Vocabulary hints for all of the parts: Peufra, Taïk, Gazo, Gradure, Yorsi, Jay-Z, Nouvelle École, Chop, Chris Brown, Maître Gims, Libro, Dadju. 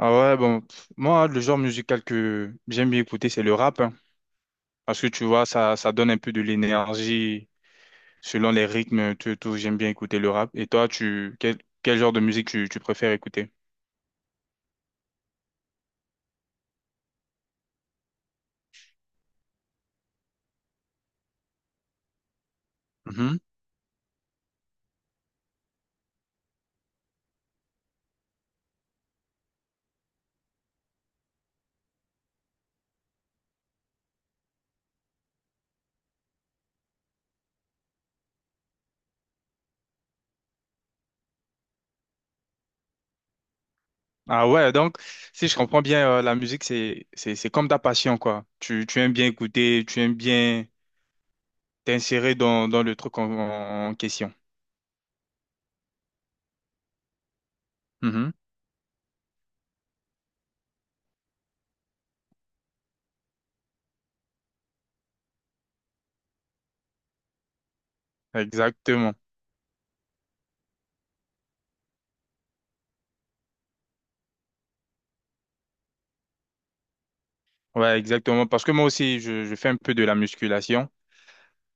Ah ouais, bon, pff, moi, le genre musical que j'aime bien écouter, c'est le rap, hein. Parce que tu vois, ça donne un peu de l'énergie selon les rythmes, tout, tout, j'aime bien écouter le rap. Et toi, tu, quel, quel genre de musique tu, tu préfères écouter? Mhm. Ah ouais, donc, si je comprends bien, la musique, c'est comme ta passion, quoi. Tu aimes bien écouter, tu aimes bien t'insérer dans, dans le truc en, en question. Mhm. Exactement. Ouais, exactement. Parce que moi aussi, je fais un peu de la musculation.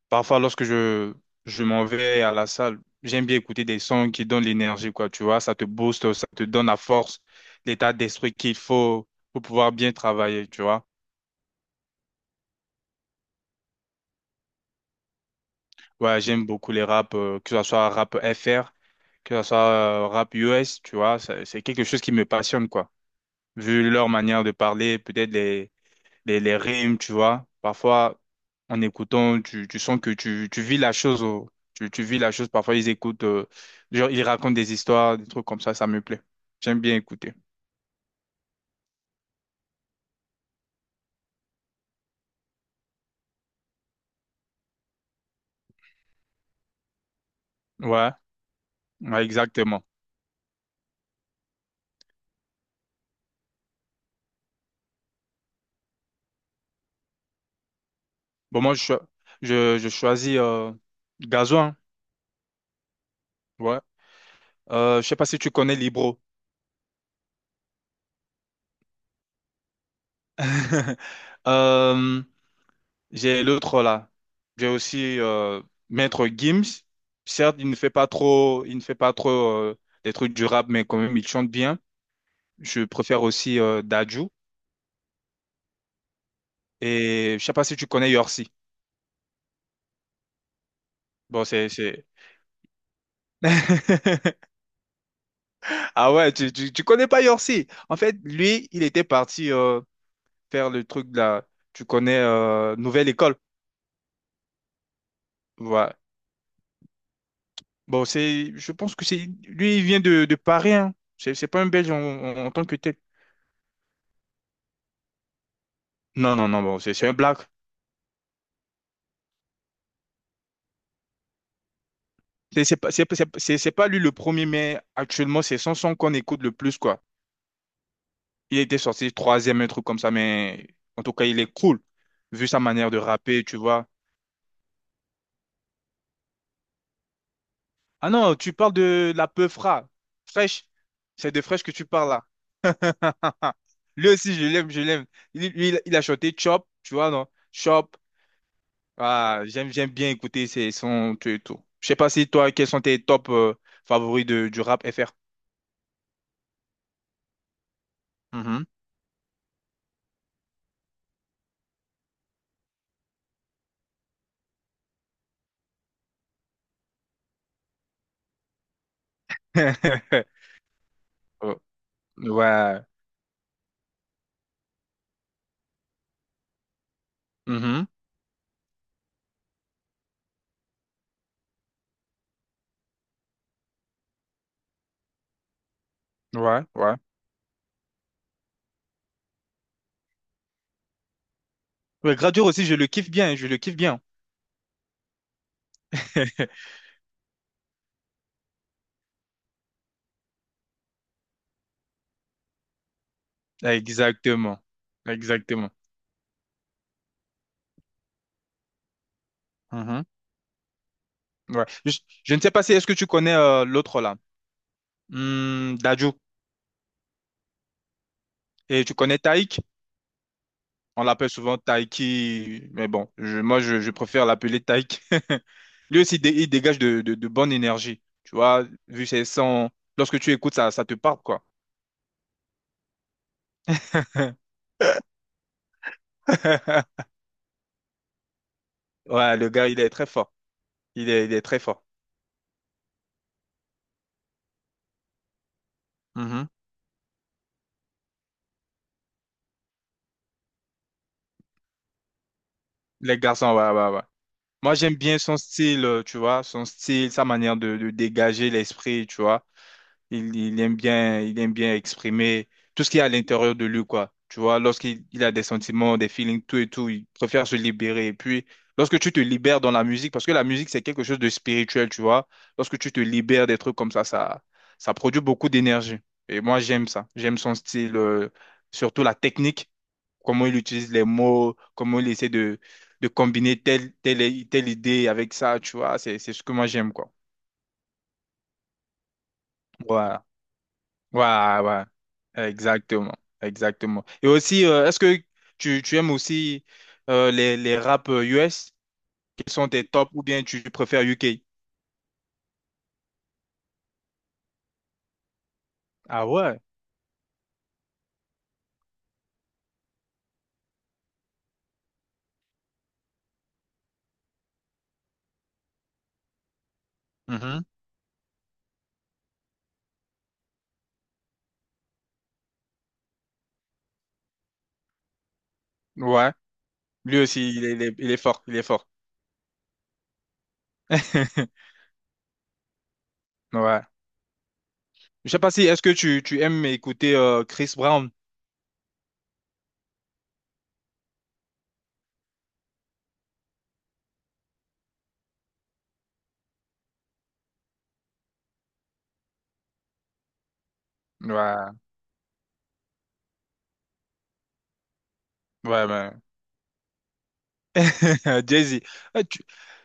Parfois, lorsque je m'en vais à la salle, j'aime bien écouter des sons qui donnent l'énergie, quoi, tu vois, ça te booste, ça te donne la force, l'état d'esprit qu'il faut pour pouvoir bien travailler, tu vois. Ouais, j'aime beaucoup les raps, que ce soit rap FR, que ce soit rap US, tu vois, ça- c'est quelque chose qui me passionne, quoi. Vu leur manière de parler, peut-être les rimes, tu vois. Parfois, en écoutant, tu sens que tu vis la chose. Oh. Tu vis la chose. Parfois, ils écoutent, genre, ils racontent des histoires, des trucs comme ça me plaît. J'aime bien écouter. Ouais, ouais, exactement. Bon, moi, je choisis Gazo, hein. Ouais. Je sais pas si tu connais Libro. Euh, j'ai l'autre là. J'ai aussi Maître Gims. Certes, il ne fait pas trop, il ne fait pas trop des trucs du rap, mais quand même, il chante bien. Je préfère aussi Dadju. Et je sais pas si tu connais Yorsi. Bon, Ah ouais, tu connais pas Yorsi. En fait, lui, il était parti faire le truc de la... Tu connais Nouvelle École. Voilà. Bon, c'est... Je pense que c'est... Lui, il vient de Paris, hein. C'est pas un Belge en, en- en tant que tel. Non, non, non, bon, c'est un black. C'est pas, c'est pas lui le premier, mais actuellement, c'est son son qu'on écoute le plus, quoi. Il était sorti troisième, un truc comme ça, mais en tout cas, il est cool, vu sa manière de rapper, tu vois. Ah non, tu parles de la Peufra, fraîche. C'est de fraîche que tu parles là. Lui aussi, je l'aime, je l'aime. Il, lui, il a chanté Chop, tu vois, non? Chop. Ah, j'aime, j'aime bien écouter ses sons, tout et tout. Je sais pas si toi, quels sont tes top favoris de, du rap FR? Mhm. Oh. Ouais. Mhm. Ouais, ouais. Ouais, Gradure aussi, je le kiffe bien, je le kiffe bien. Exactement. Exactement. Mhm. Ouais. Je ne sais pas si est-ce que tu connais l'autre là, Dadju. Et tu connais Taïk? On l'appelle souvent Taiki, mais bon, moi je préfère l'appeler Taïk. Lui aussi, il dégage de bonne énergie. Tu vois, vu ses sons, lorsque tu écoutes ça, ça te parle quoi. Ouais, le gars, il est très fort. Il est très fort. Mhm. Les garçons, ouais, ouais, ouais. Moi, j'aime bien son style, tu vois, son style, sa manière de dégager l'esprit, tu vois. Il aime bien exprimer tout ce qu'il y a à l'intérieur de lui, quoi. Tu vois, lorsqu'il a des sentiments, des feelings, tout et tout, il préfère se libérer. Et puis, lorsque tu te libères dans la musique, parce que la musique, c'est quelque chose de spirituel, tu vois. Lorsque tu te libères des trucs comme ça produit beaucoup d'énergie. Et moi, j'aime ça. J'aime son style, surtout la technique, comment il utilise les mots, comment il essaie de combiner telle, telle, telle idée avec ça, tu vois. C'est ce que moi, j'aime, quoi. Ouais. Ouais, ouais, exactement, exactement. Et aussi, est-ce que tu aimes aussi les rap US qui sont tes tops ou bien tu préfères UK? Ah ouais. Mhm. Ouais, lui aussi, il est, il est, il est fort, il est fort. Ouais. Je sais pas si, est-ce que tu aimes écouter Chris Brown? Ouais, ouais, ouais. Jay-Z. Eh, Tu,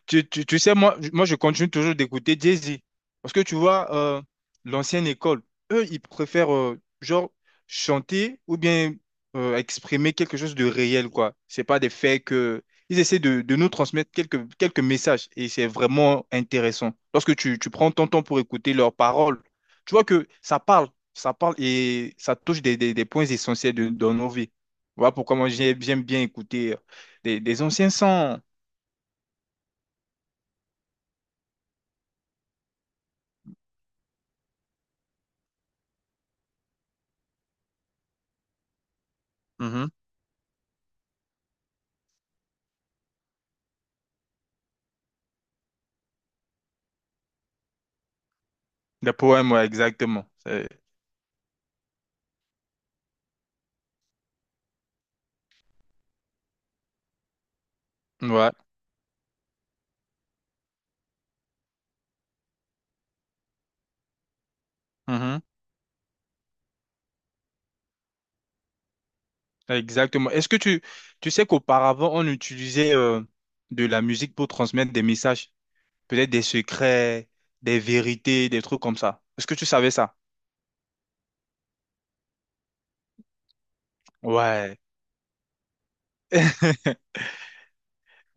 tu, tu, tu sais, moi, moi, je continue toujours d'écouter Jay-Z. Parce que tu vois, l'ancienne école, eux, ils préfèrent, genre, chanter ou bien exprimer quelque chose de réel, quoi. C'est pas des faits que... Ils essaient de nous transmettre quelques, quelques messages et c'est vraiment intéressant. Lorsque tu, tu prends ton temps pour écouter leurs paroles, tu vois que ça parle et ça touche des points essentiels de, dans nos vies. Voilà pourquoi moi, j'aime bien écouter des anciens sons. Mhm. Des poèmes, ouais, exactement. C'est- Ouais. Mhm. Exactement. Est-ce que tu sais qu'auparavant, on utilisait de la musique pour transmettre des messages, peut-être des secrets, des vérités, des trucs comme ça. Est-ce que tu savais ça? Ouais.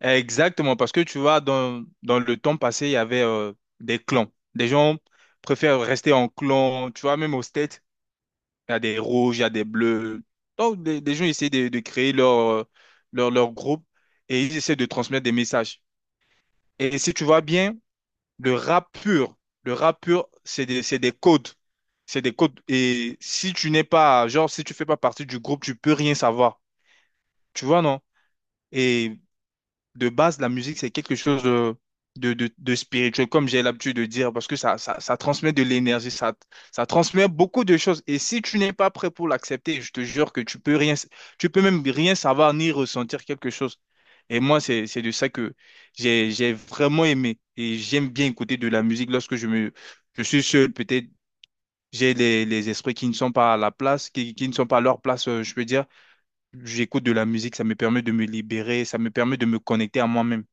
Exactement, parce que tu vois, dans, dans le temps passé, il y avait des clans. Des gens préfèrent rester en clan, tu vois, même au state. Il y a des rouges, il y a des bleus. Donc, des gens essaient de créer leur, leur, leur groupe et ils essaient de transmettre des messages. Et si tu vois bien, le rap pur, c'est des codes. C'est des codes. Et si tu n'es pas, genre, si tu fais pas partie du groupe, tu peux rien savoir. Tu vois, non? Et de base, la musique, c'est quelque chose de spirituel, comme j'ai l'habitude de dire, parce que ça transmet de l'énergie, ça transmet beaucoup de choses. Et si tu n'es pas prêt pour l'accepter, je te jure que tu peux rien, tu peux même rien savoir ni ressentir quelque chose. Et moi, c'est de ça que j'ai vraiment aimé. Et j'aime bien écouter de la musique lorsque je me, je suis seul, peut-être. J'ai les esprits qui ne sont pas à la place, qui ne sont pas à leur place, je peux dire. J'écoute de la musique, ça me permet de me libérer, ça me permet de me connecter à moi-même.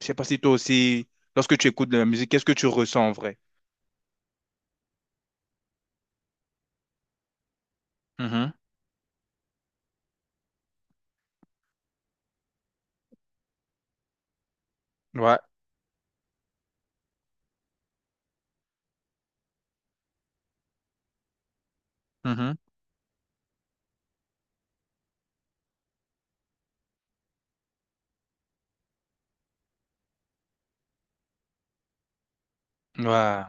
Je sais pas si toi aussi, lorsque tu écoutes de la musique, qu'est-ce que tu ressens en vrai? Mhm. Ouais. Mhm. Ouais.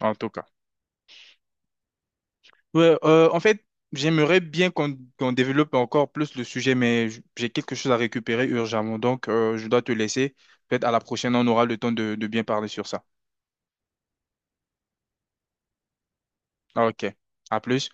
En tout cas. Ouais, en fait, j'aimerais bien qu'on qu'on développe encore plus le sujet, mais j'ai quelque chose à récupérer urgemment, donc je dois te laisser. Peut-être à la prochaine, on aura le temps de bien parler sur ça. Ok. À plus.